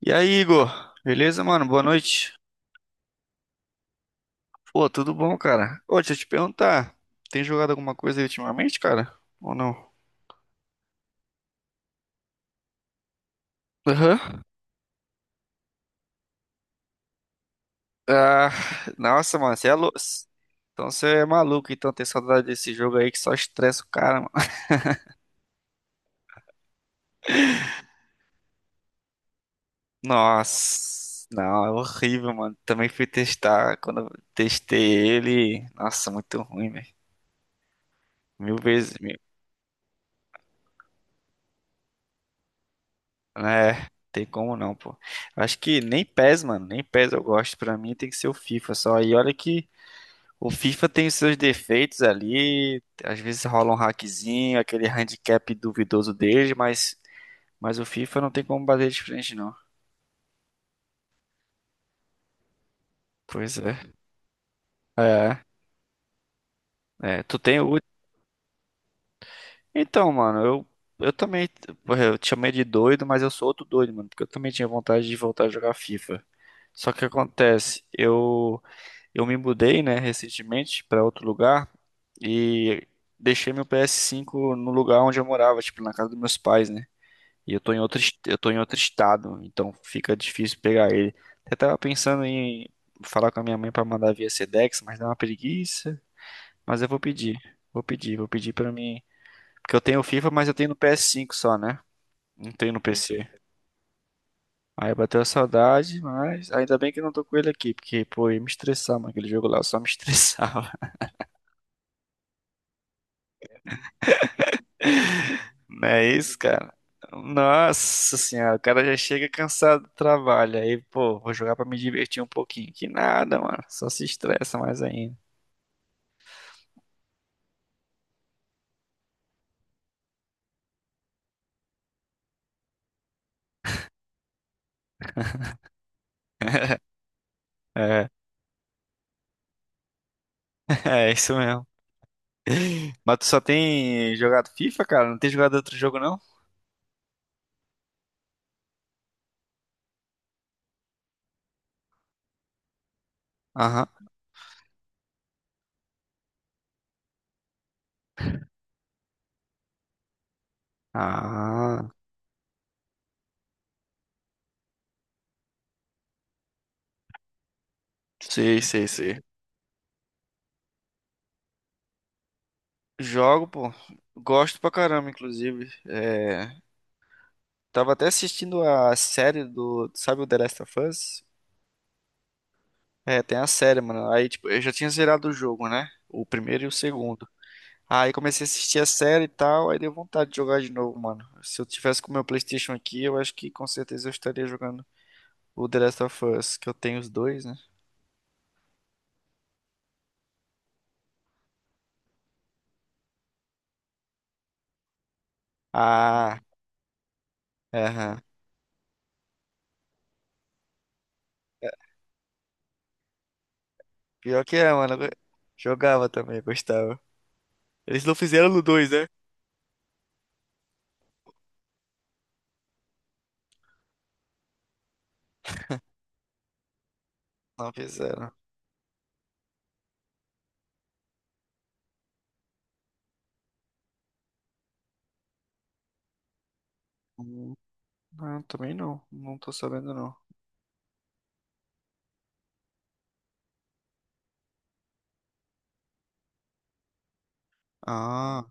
E aí, Igor? Beleza, mano? Boa noite. Pô, tudo bom, cara? Ô, deixa eu te perguntar, tem jogado alguma coisa aí ultimamente, cara? Ou não? Aham. Ah, nossa, mano, você é louco. Então você é maluco, então tem saudade desse jogo aí que só estressa o cara, mano. Nossa, não, é horrível, mano. Também fui testar, quando eu testei ele, nossa, muito ruim, velho. Mil vezes, mil. É, tem como não, pô. Acho que nem PES, mano, nem PES eu gosto. Pra mim tem que ser o FIFA só. E olha que o FIFA tem os seus defeitos ali, às vezes rola um hackzinho, aquele handicap duvidoso dele, mas o FIFA não tem como bater de frente, não. Pois é. É, é. Tu tem o. Então, mano, eu também. Porra, eu te chamei de doido, mas eu sou outro doido, mano, porque eu também tinha vontade de voltar a jogar FIFA. Só que o que acontece, eu me mudei, né, recentemente pra outro lugar e deixei meu PS5 no lugar onde eu morava, tipo, na casa dos meus pais, né? E eu tô em outro, eu tô em outro estado, então fica difícil pegar ele. Eu tava pensando em falar com a minha mãe pra mandar via Sedex, mas dá uma preguiça. Mas eu vou pedir, vou pedir, vou pedir pra mim. Porque eu tenho o FIFA, mas eu tenho no PS5 só, né? Não tenho no Sim. PC. Aí bateu a saudade, mas ainda bem que eu não tô com ele aqui, porque, pô, eu ia me estressar, mano, aquele jogo lá, eu só me estressava. Não é isso, cara? Nossa senhora, o cara já chega cansado do trabalho. Aí, pô, vou jogar pra me divertir um pouquinho. Que nada, mano. Só se estressa mais ainda. É, é isso mesmo. Mas tu só tem jogado FIFA, cara? Não tem jogado outro jogo, não? Aham. Ah, sei. Jogo, pô. Gosto pra caramba, inclusive. É, tava até assistindo a série do. Sabe o The Last of Us? É, tem a série, mano. Aí, tipo, eu já tinha zerado o jogo, né? O primeiro e o segundo. Aí comecei a assistir a série e tal, aí deu vontade de jogar de novo, mano. Se eu tivesse com o meu PlayStation aqui, eu acho que com certeza eu estaria jogando o The Last of Us, que eu tenho os dois, né? Ah, aham. É, pior que é, mano. Eu jogava também, gostava. Eles não fizeram no dois, né? Não fizeram. Hum, Não, também não. Não tô sabendo, não. Ah,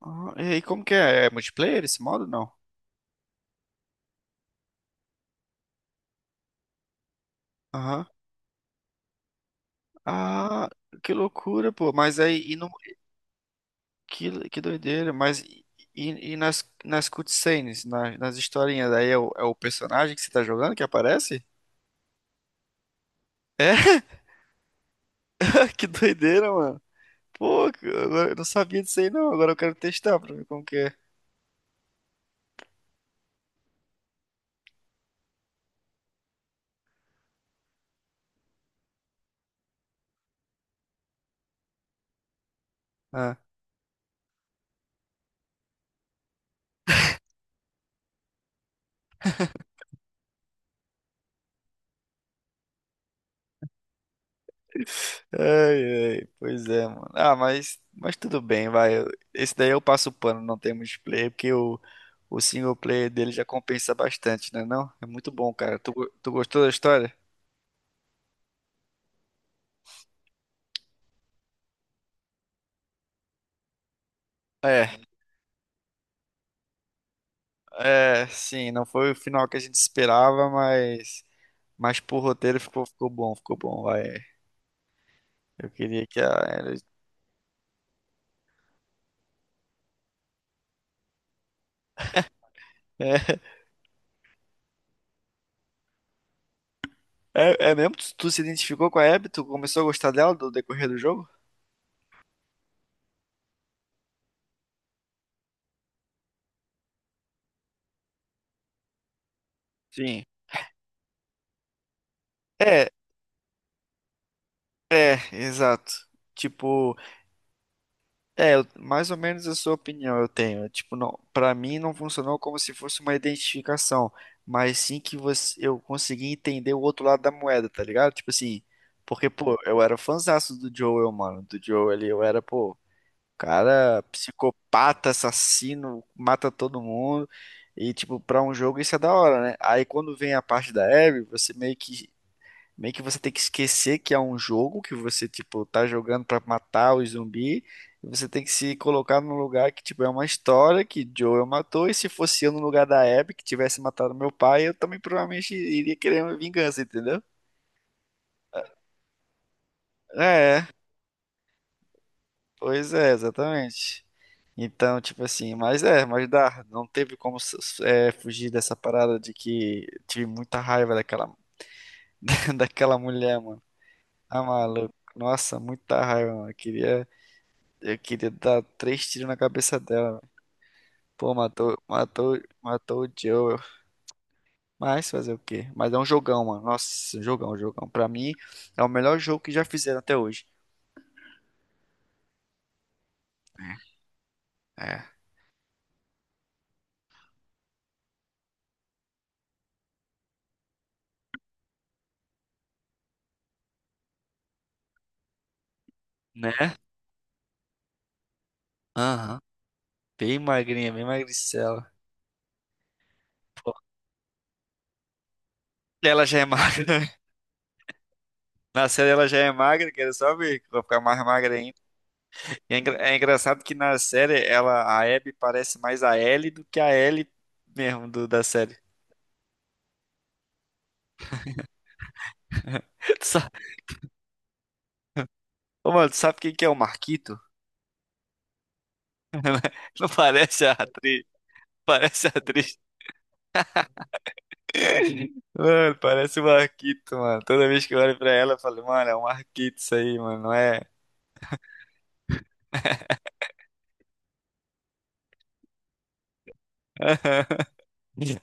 ah, e aí, como que é? É multiplayer esse modo? Não. Aham. Ah, que loucura, pô. Mas aí, e no que doideira, mas e nas cutscenes, nas historinhas, aí é é o personagem que você tá jogando que aparece? É, que doideira, mano. Pô, eu não sabia disso aí não, agora eu quero testar pra ver como que é. Ah. Ai, ai, pois é, mano. Ah, mas tudo bem, vai. Esse daí eu passo o pano, não tem multiplayer, porque o single player dele já compensa bastante, né não? É muito bom, cara. Tu, tu gostou da história? É. É, sim, não foi o final que a gente esperava, mas pro roteiro ficou, ficou bom, vai. Eu queria que a... Ellie- é mesmo? Tu se identificou com a Abby? Tu começou a gostar dela do decorrer do jogo? Sim. É, exato. Tipo, é, mais ou menos a sua opinião eu tenho. Tipo, não, para mim não funcionou como se fosse uma identificação, mas sim que você, eu consegui entender o outro lado da moeda, tá ligado? Tipo assim, porque, pô, eu era fãzaço do Joel, mano. Do Joel ali, eu era, pô, cara psicopata, assassino, mata todo mundo. E, tipo, pra um jogo isso é da hora, né? Aí quando vem a parte da Abby, você meio que meio que você tem que esquecer que é um jogo que você, tipo, tá jogando pra matar o zumbi. E você tem que se colocar num lugar que, tipo, é uma história que Joel matou. E se fosse eu no lugar da Abby, que tivesse matado meu pai, eu também provavelmente iria querer uma vingança, entendeu? É, pois é, exatamente. Então, tipo assim, mas é, mas dá. Não teve como é, fugir dessa parada de que tive muita raiva daquela, daquela mulher, mano. Ah, maluco. Nossa, muita raiva, mano. Queria. Eu queria dar três tiros na cabeça dela, velho. Pô, matou o Joel. Mas fazer o quê? Mas é um jogão, mano. Nossa, um jogão, um jogão. Pra mim, é o melhor jogo que já fizeram até hoje. É. Né? Aham. Bem magrinha, bem magricela. Pô, ela já é magra. Na série ela já é magra, quero só ver que vai ficar mais magra ainda. E é, é engraçado que na série ela, a Abby parece mais a Ellie do que a Ellie mesmo do, da série. Tu sa- Ô, mano, tu sabe quem que é o Marquito? Não parece a atriz. Parece a atriz. Mano, parece um Marquito, mano. Toda vez que eu olho pra ela, eu falo, mano, é um Marquito isso aí, mano, não é?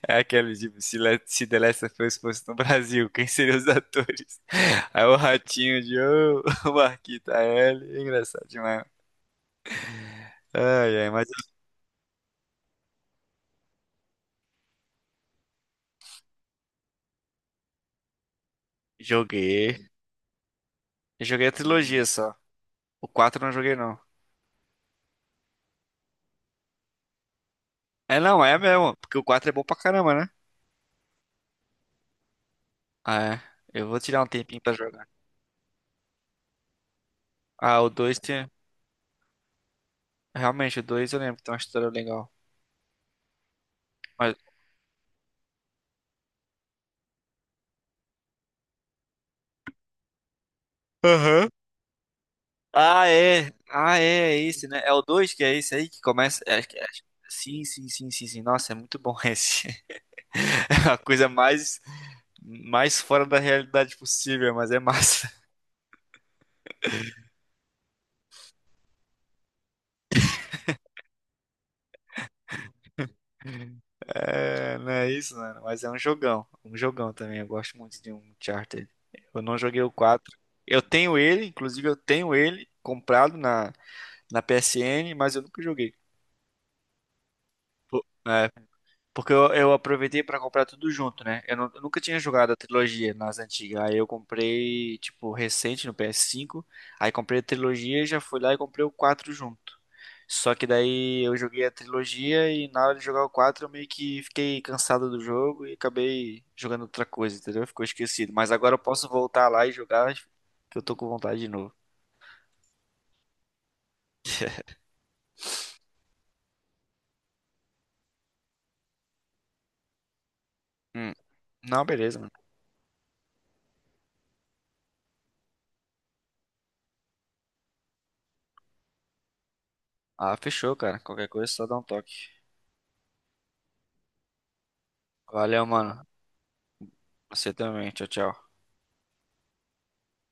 É aquele tipo, se, se The Last of Us fosse no Brasil, quem seriam os atores? Aí o Ratinho de ô, o Marquito, a Ellie. É engraçado demais. Ai, ai, mas eu joguei. Eu joguei a trilogia só. O 4 eu não joguei, não. É, não, é mesmo. Porque o 4 é bom pra caramba, né? Ah, é. Eu vou tirar um tempinho pra jogar. Ah, o 2 tem. Realmente, o 2 eu lembro que tem uma história legal. Aham. Ah, é. Ah, é, é esse, né? É o 2 que é esse aí que começa. É, é, sim, nossa, é muito bom esse. É a coisa mais, mais fora da realidade possível, mas é massa. É, não é isso, mano. Mas é um jogão. Um jogão também. Eu gosto muito de um Uncharted. Eu não joguei o 4, eu tenho ele, inclusive eu tenho ele comprado na PSN, mas eu nunca joguei. Pô, é. Porque eu aproveitei pra comprar tudo junto, né? Eu, eu nunca tinha jogado a trilogia nas antigas. Aí eu comprei, tipo, recente no PS5. Aí comprei a trilogia e já fui lá e comprei o 4 junto. Só que daí eu joguei a trilogia e na hora de jogar o 4 eu meio que fiquei cansado do jogo e acabei jogando outra coisa, entendeu? Ficou esquecido. Mas agora eu posso voltar lá e jogar que eu tô com vontade de novo. Hum. Não, beleza, mano. Ah, fechou, cara. Qualquer coisa, é só dá um toque. Valeu, mano. Você também. Tchau, tchau.